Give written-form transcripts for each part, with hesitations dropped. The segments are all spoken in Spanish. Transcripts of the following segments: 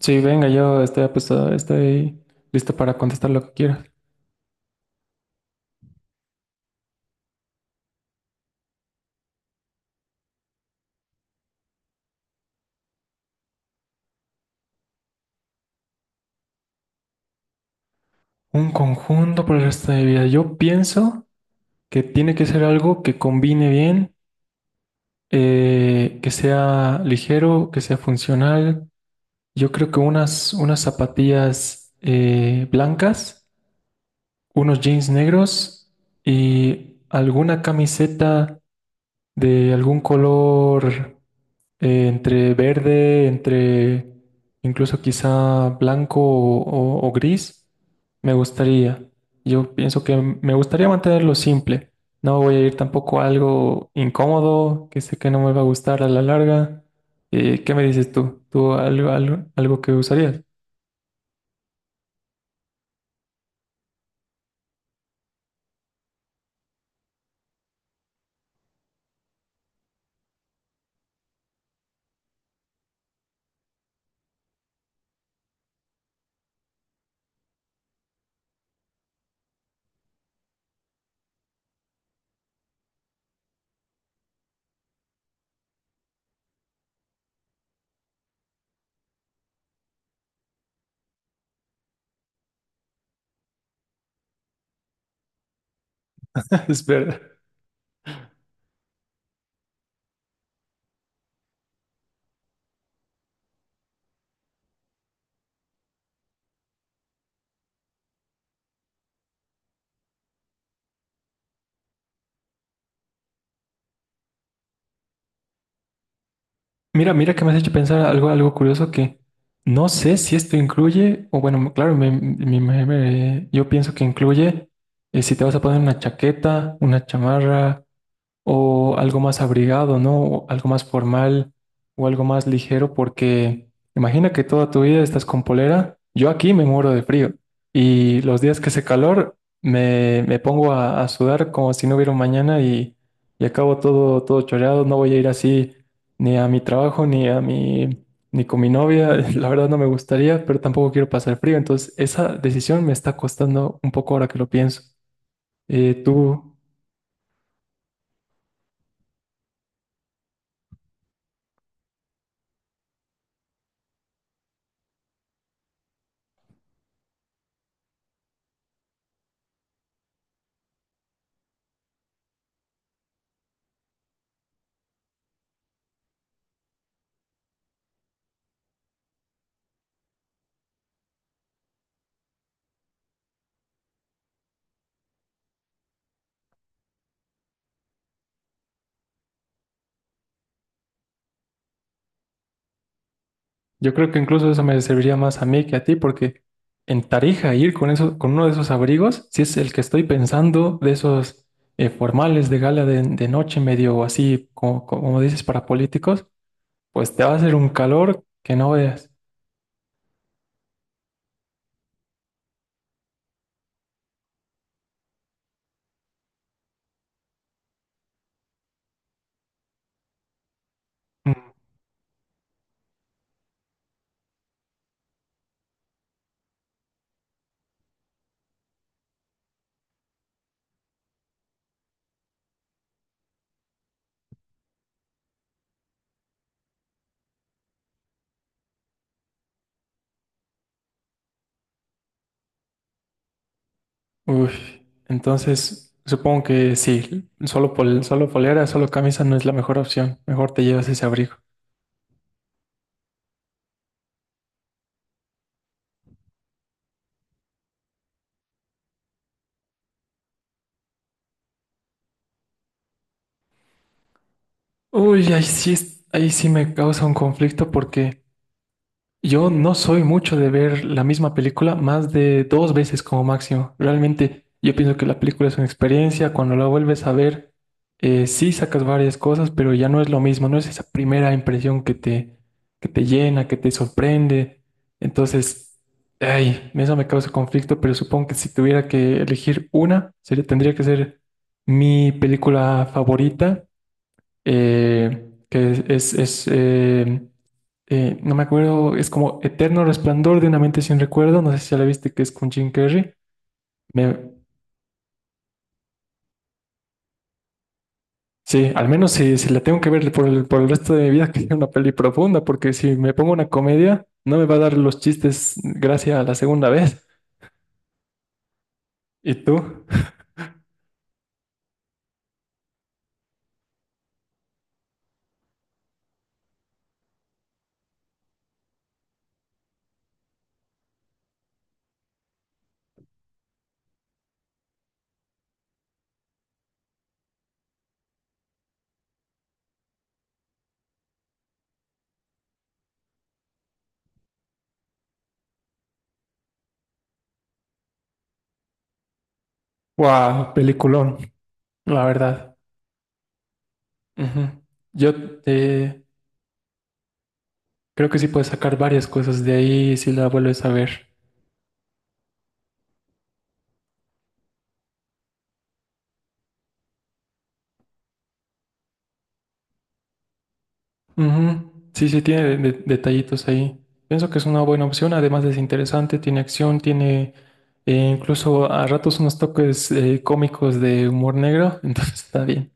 Sí, venga, yo estoy apostado, estoy listo para contestar lo que quieras. Un conjunto por el resto de mi vida. Yo pienso que tiene que ser algo que combine bien, que sea ligero, que sea funcional. Yo creo que unas zapatillas blancas, unos jeans negros y alguna camiseta de algún color. Entre verde, entre incluso quizá blanco o gris, me gustaría. Yo pienso que me gustaría mantenerlo simple. No voy a ir tampoco a algo incómodo, que sé que no me va a gustar a la larga. ¿Qué me dices tú? ¿Tú algo, algo, algo que usarías? Espera. Mira, mira que me has hecho pensar algo, algo curioso que no sé si esto incluye, o bueno, claro, yo pienso que incluye si te vas a poner una chaqueta, una chamarra, o algo más abrigado, ¿no? O algo más formal o algo más ligero, porque imagina que toda tu vida estás con polera. Yo aquí me muero de frío y los días que hace calor me pongo a sudar como si no hubiera un mañana y acabo todo choreado. No voy a ir así ni a mi trabajo ni a mi... Ni con mi novia, la verdad no me gustaría, pero tampoco quiero pasar frío. Entonces, esa decisión me está costando un poco ahora que lo pienso. Eh, ¿tú, Yo creo que incluso eso me serviría más a mí que a ti, porque en Tarija ir con eso, con uno de esos abrigos, si es el que estoy pensando, de esos formales de gala de noche medio así, como, como dices, para políticos, pues te va a hacer un calor que no veas. Mm, Uy, entonces supongo que sí, solo, solo polera, solo camisa no es la mejor opción. Mejor te llevas ese abrigo. Uy, ahí sí, ahí sí me causa un conflicto porque yo no soy mucho de ver la misma película más de dos veces como máximo. Realmente yo pienso que la película es una experiencia, cuando la vuelves a ver, sí sacas varias cosas, pero ya no es lo mismo, no es esa primera impresión que te llena, que te sorprende. Entonces, ay, eso me causa conflicto, pero supongo que si tuviera que elegir una, sería, tendría que ser mi película favorita que es, no me acuerdo, es como Eterno Resplandor de una mente sin recuerdo, no sé si ya la viste, que es con Jim Carrey. Me- sí, al menos si la tengo que ver por por el resto de mi vida, que es una peli profunda, porque si me pongo una comedia, no me va a dar los chistes gracias a la segunda vez. ¿Y tú? Wow, peliculón, la verdad. Ujú. Yo eh, creo que sí puedes sacar varias cosas de ahí si la vuelves a ver. Ujú. Sí, sí, tiene detallitos ahí. Pienso que es una buena opción, además es interesante, tiene acción, tiene incluso a ratos unos toques cómicos de humor negro, entonces está bien.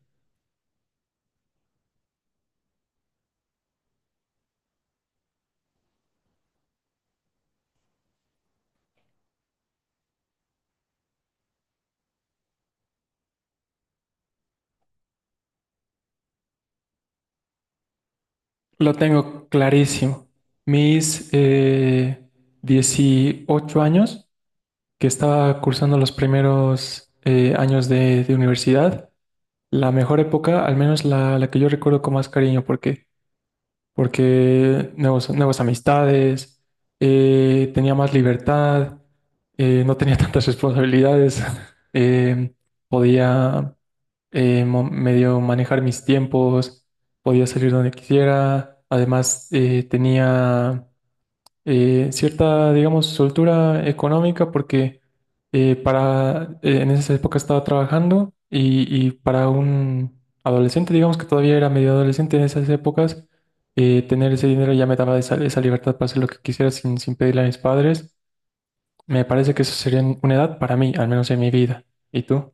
Lo tengo clarísimo. Mis 18 años, que estaba cursando los primeros años de universidad, la mejor época, al menos la que yo recuerdo con más cariño, porque porque nuevas amistades, tenía más libertad, no tenía tantas responsabilidades, eh, podía medio manejar mis tiempos, podía salir donde quisiera, además tenía cierta, digamos, soltura económica porque en esa época estaba trabajando y para un adolescente, digamos que todavía era medio adolescente en esas épocas, tener ese dinero ya me daba esa libertad para hacer lo que quisiera sin pedirle a mis padres. Me parece que eso sería una edad para mí, al menos en mi vida. ¿Y tú?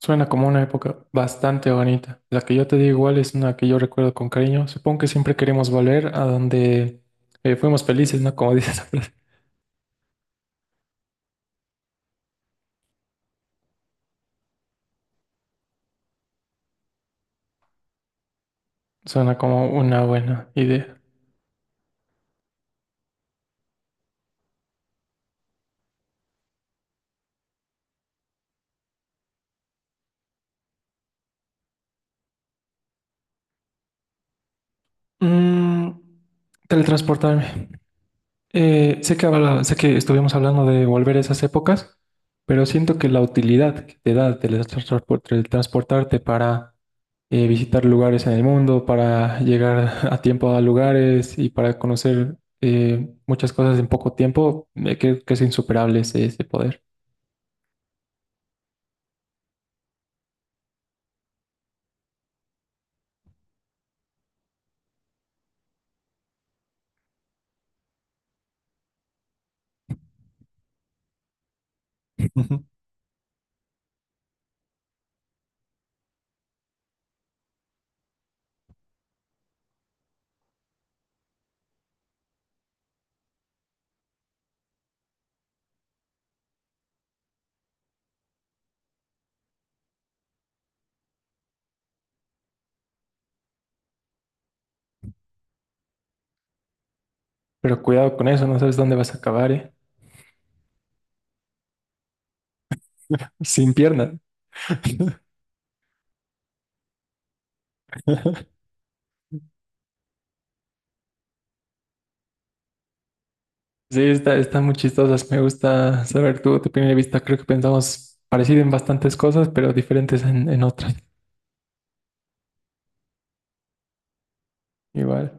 Suena como una época bastante bonita. La que yo te digo igual es una que yo recuerdo con cariño. Supongo que siempre queremos volver a donde fuimos felices, ¿no? Como dices. Suena como una buena idea. Mm, teletransportarme. Sé que estuvimos hablando de volver a esas épocas, pero siento que la utilidad que te da teletransportarte para visitar lugares en el mundo, para llegar a tiempo a lugares y para conocer muchas cosas en poco tiempo, creo que es insuperable ese, ese poder. Pero cuidado con eso, no sabes dónde vas a acabar, ¿eh? Sin piernas. Sí, está, están muy chistosas. Me gusta saber tu, tu primera vista. Creo que pensamos parecido en bastantes cosas, pero diferentes en otras. Igual.